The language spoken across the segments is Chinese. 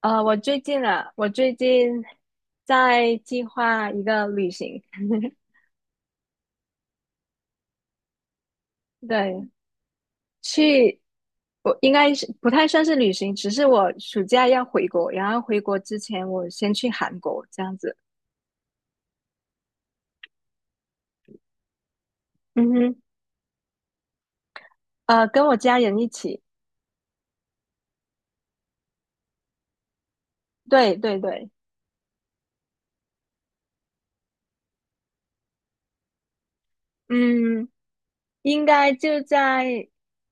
我最近啊，我最近在计划一个旅行。对。去，我应该是不太算是旅行，只是我暑假要回国，然后回国之前我先去韩国这样子。嗯哼。跟我家人一起。对对对。嗯，应该就在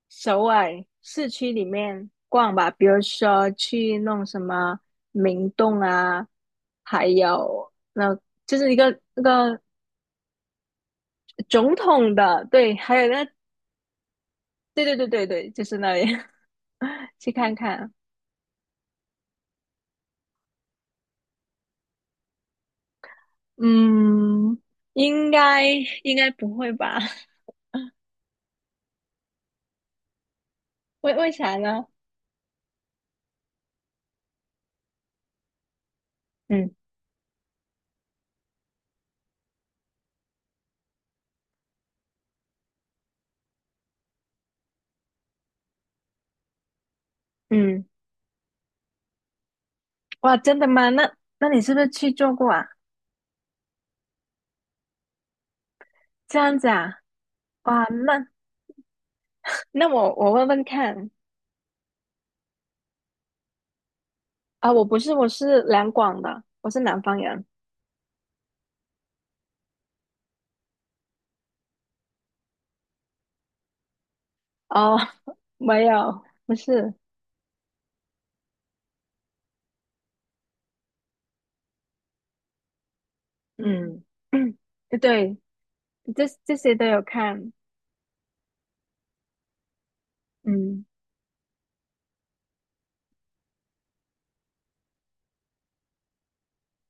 首尔市区里面逛吧，比如说去弄什么明洞啊，还有那就是一个那个。总统的，对，还有那，对对对对对，就是那里。去看看。嗯，应该应该不会吧？为啥呢？嗯嗯。哇，真的吗？那你是不是去做过啊？这样子啊？哇。那我问问看。啊，我不是，我是两广的，我是南方人。哦。没有，不是。嗯。对。这些都有看。嗯。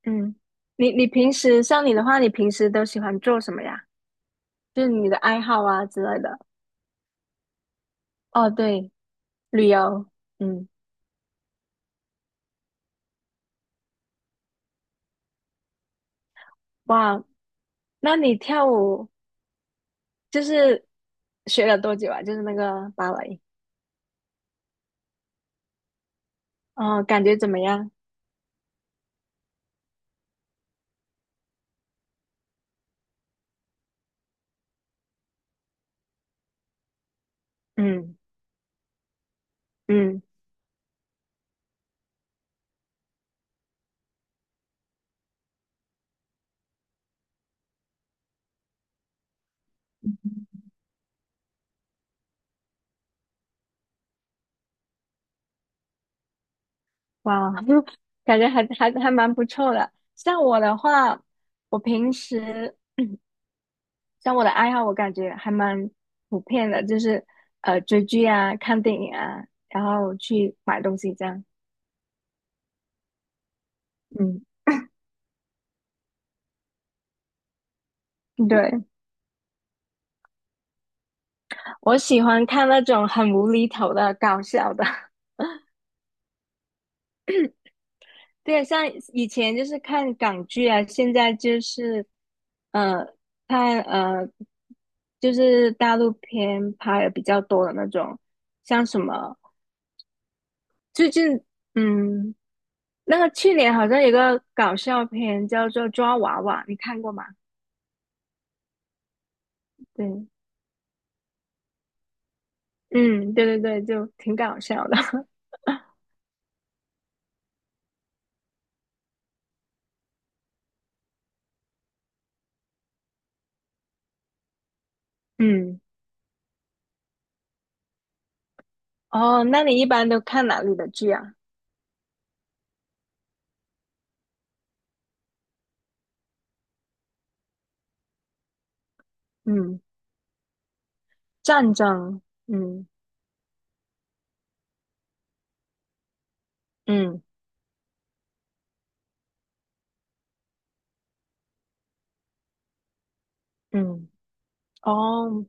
嗯，你平时像你的话，你平时都喜欢做什么呀？就是你的爱好啊之类的。哦，对，旅游。嗯。哇。那你跳舞就是学了多久啊？就是那个芭蕾。哦，感觉怎么样？嗯嗯。哇，感觉还蛮不错的。像我的话，我平时像我的爱好，我感觉还蛮普遍的，就是追剧啊、看电影啊，然后去买东西这样。嗯。对。我喜欢看那种很无厘头的搞笑的。对，像以前就是看港剧啊，现在就是，呃，看就是大陆片拍的比较多的那种，像什么最近，嗯，那个去年好像有个搞笑片叫做《抓娃娃》，你看过吗？对。嗯。对对对，就挺搞笑的。嗯。哦，那你一般都看哪里的剧啊？嗯。战争。嗯嗯嗯。哦。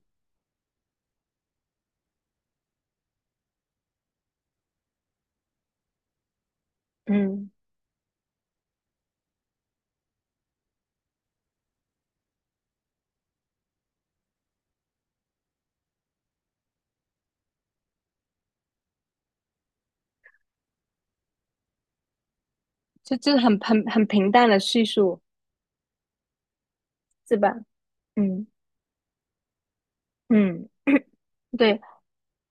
嗯。就是很平淡的叙述，是吧？嗯嗯。对。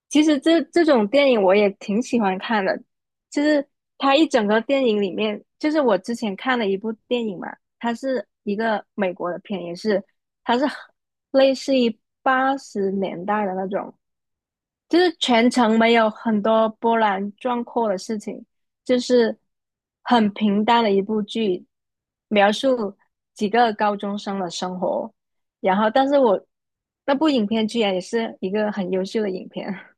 其实这种电影我也挺喜欢看的，就是它一整个电影里面，就是我之前看了一部电影嘛，它是一个美国的片，也是它是类似于80年代的那种，就是全程没有很多波澜壮阔的事情，就是很平淡的一部剧，描述几个高中生的生活。然后，但是我那部影片居然也是一个很优秀的影片。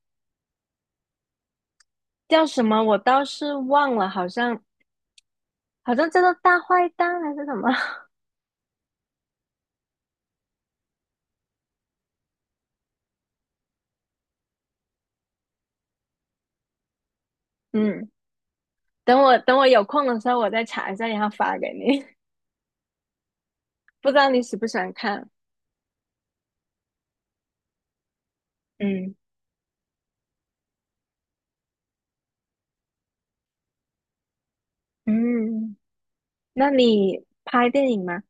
叫什么我倒是忘了，好像叫做《大坏蛋》还是什么？嗯。等我有空的时候我再查一下，然后发给你。不知道你喜不喜欢看？嗯嗯。那你拍电影吗？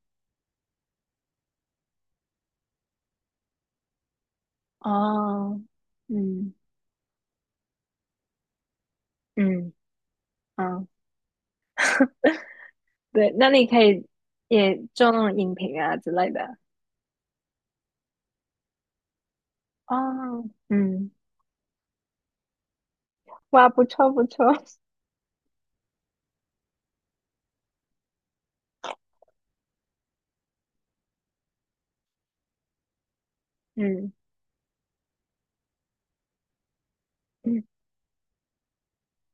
哦。嗯嗯哦。对，那你可以也做那种影评啊之类的。哦。嗯。哇，不错不错。嗯。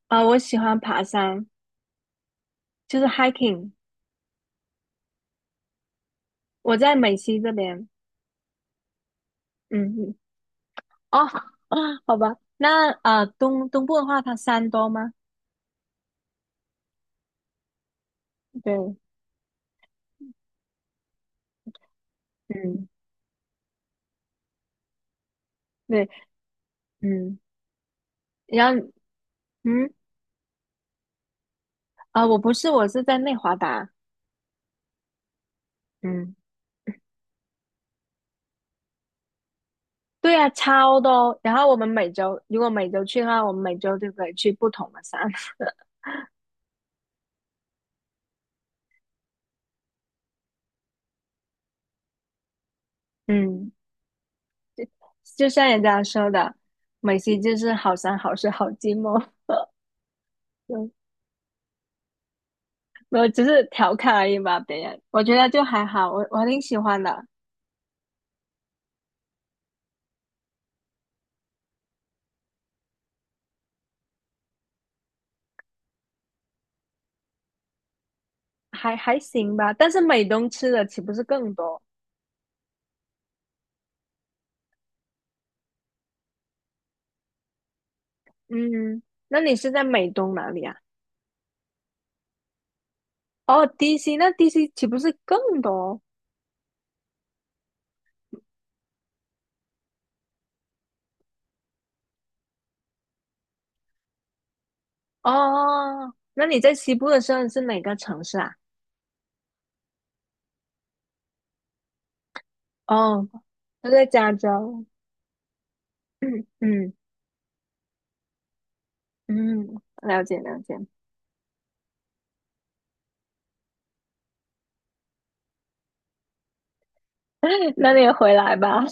啊、我喜欢爬山，就是 hiking。我在美西这边。嗯。哦。好吧。那东部的话，它山多吗？对。嗯。对。嗯。然后，嗯。啊、我不是，我是在内华达。嗯。对啊，超多。然后我们每周，如果每周去的话，我们每周就可以去不同的山。嗯。就像人家说的，美西就是好山好水好寂寞。我只是调侃而已吧，别人我觉得就还好，我挺喜欢的。还行吧。但是美东吃的岂不是更多？嗯。那你是在美东哪里啊？哦，DC,那 DC 岂不是更多？哦，那你在西部的时候是哪个城市啊？哦，我在加州。嗯嗯嗯。了解了解。那你也回来吧。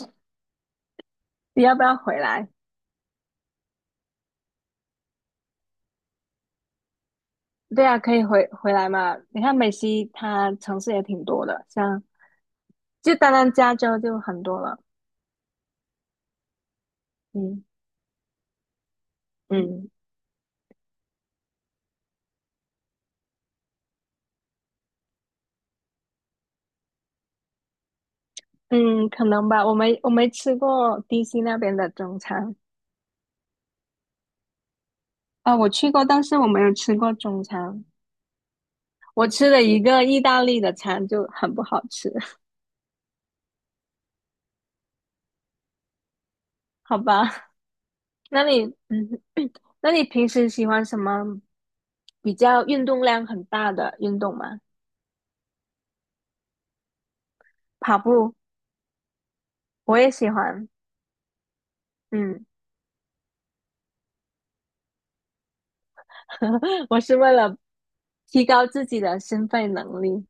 你要不要回来？对啊，可以回来嘛。你看美西它城市也挺多的，像就单单加州就很多了。嗯嗯。嗯，可能吧。我没吃过 DC 那边的中餐啊，我去过，但是我没有吃过中餐。我吃了一个意大利的餐就很不好吃。好吧？那你嗯，那你平时喜欢什么比较运动量很大的运动吗？跑步，我也喜欢。嗯。我是为了提高自己的心肺能力。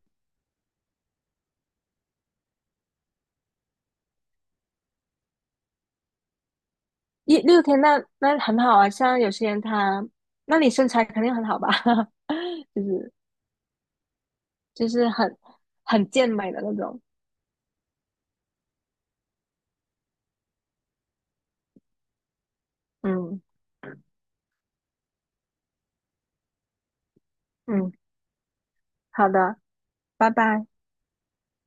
一六天那很好啊，像有些人他，那你身材肯定很好吧。就是就是很很健美的那种。嗯嗯。好的，拜拜。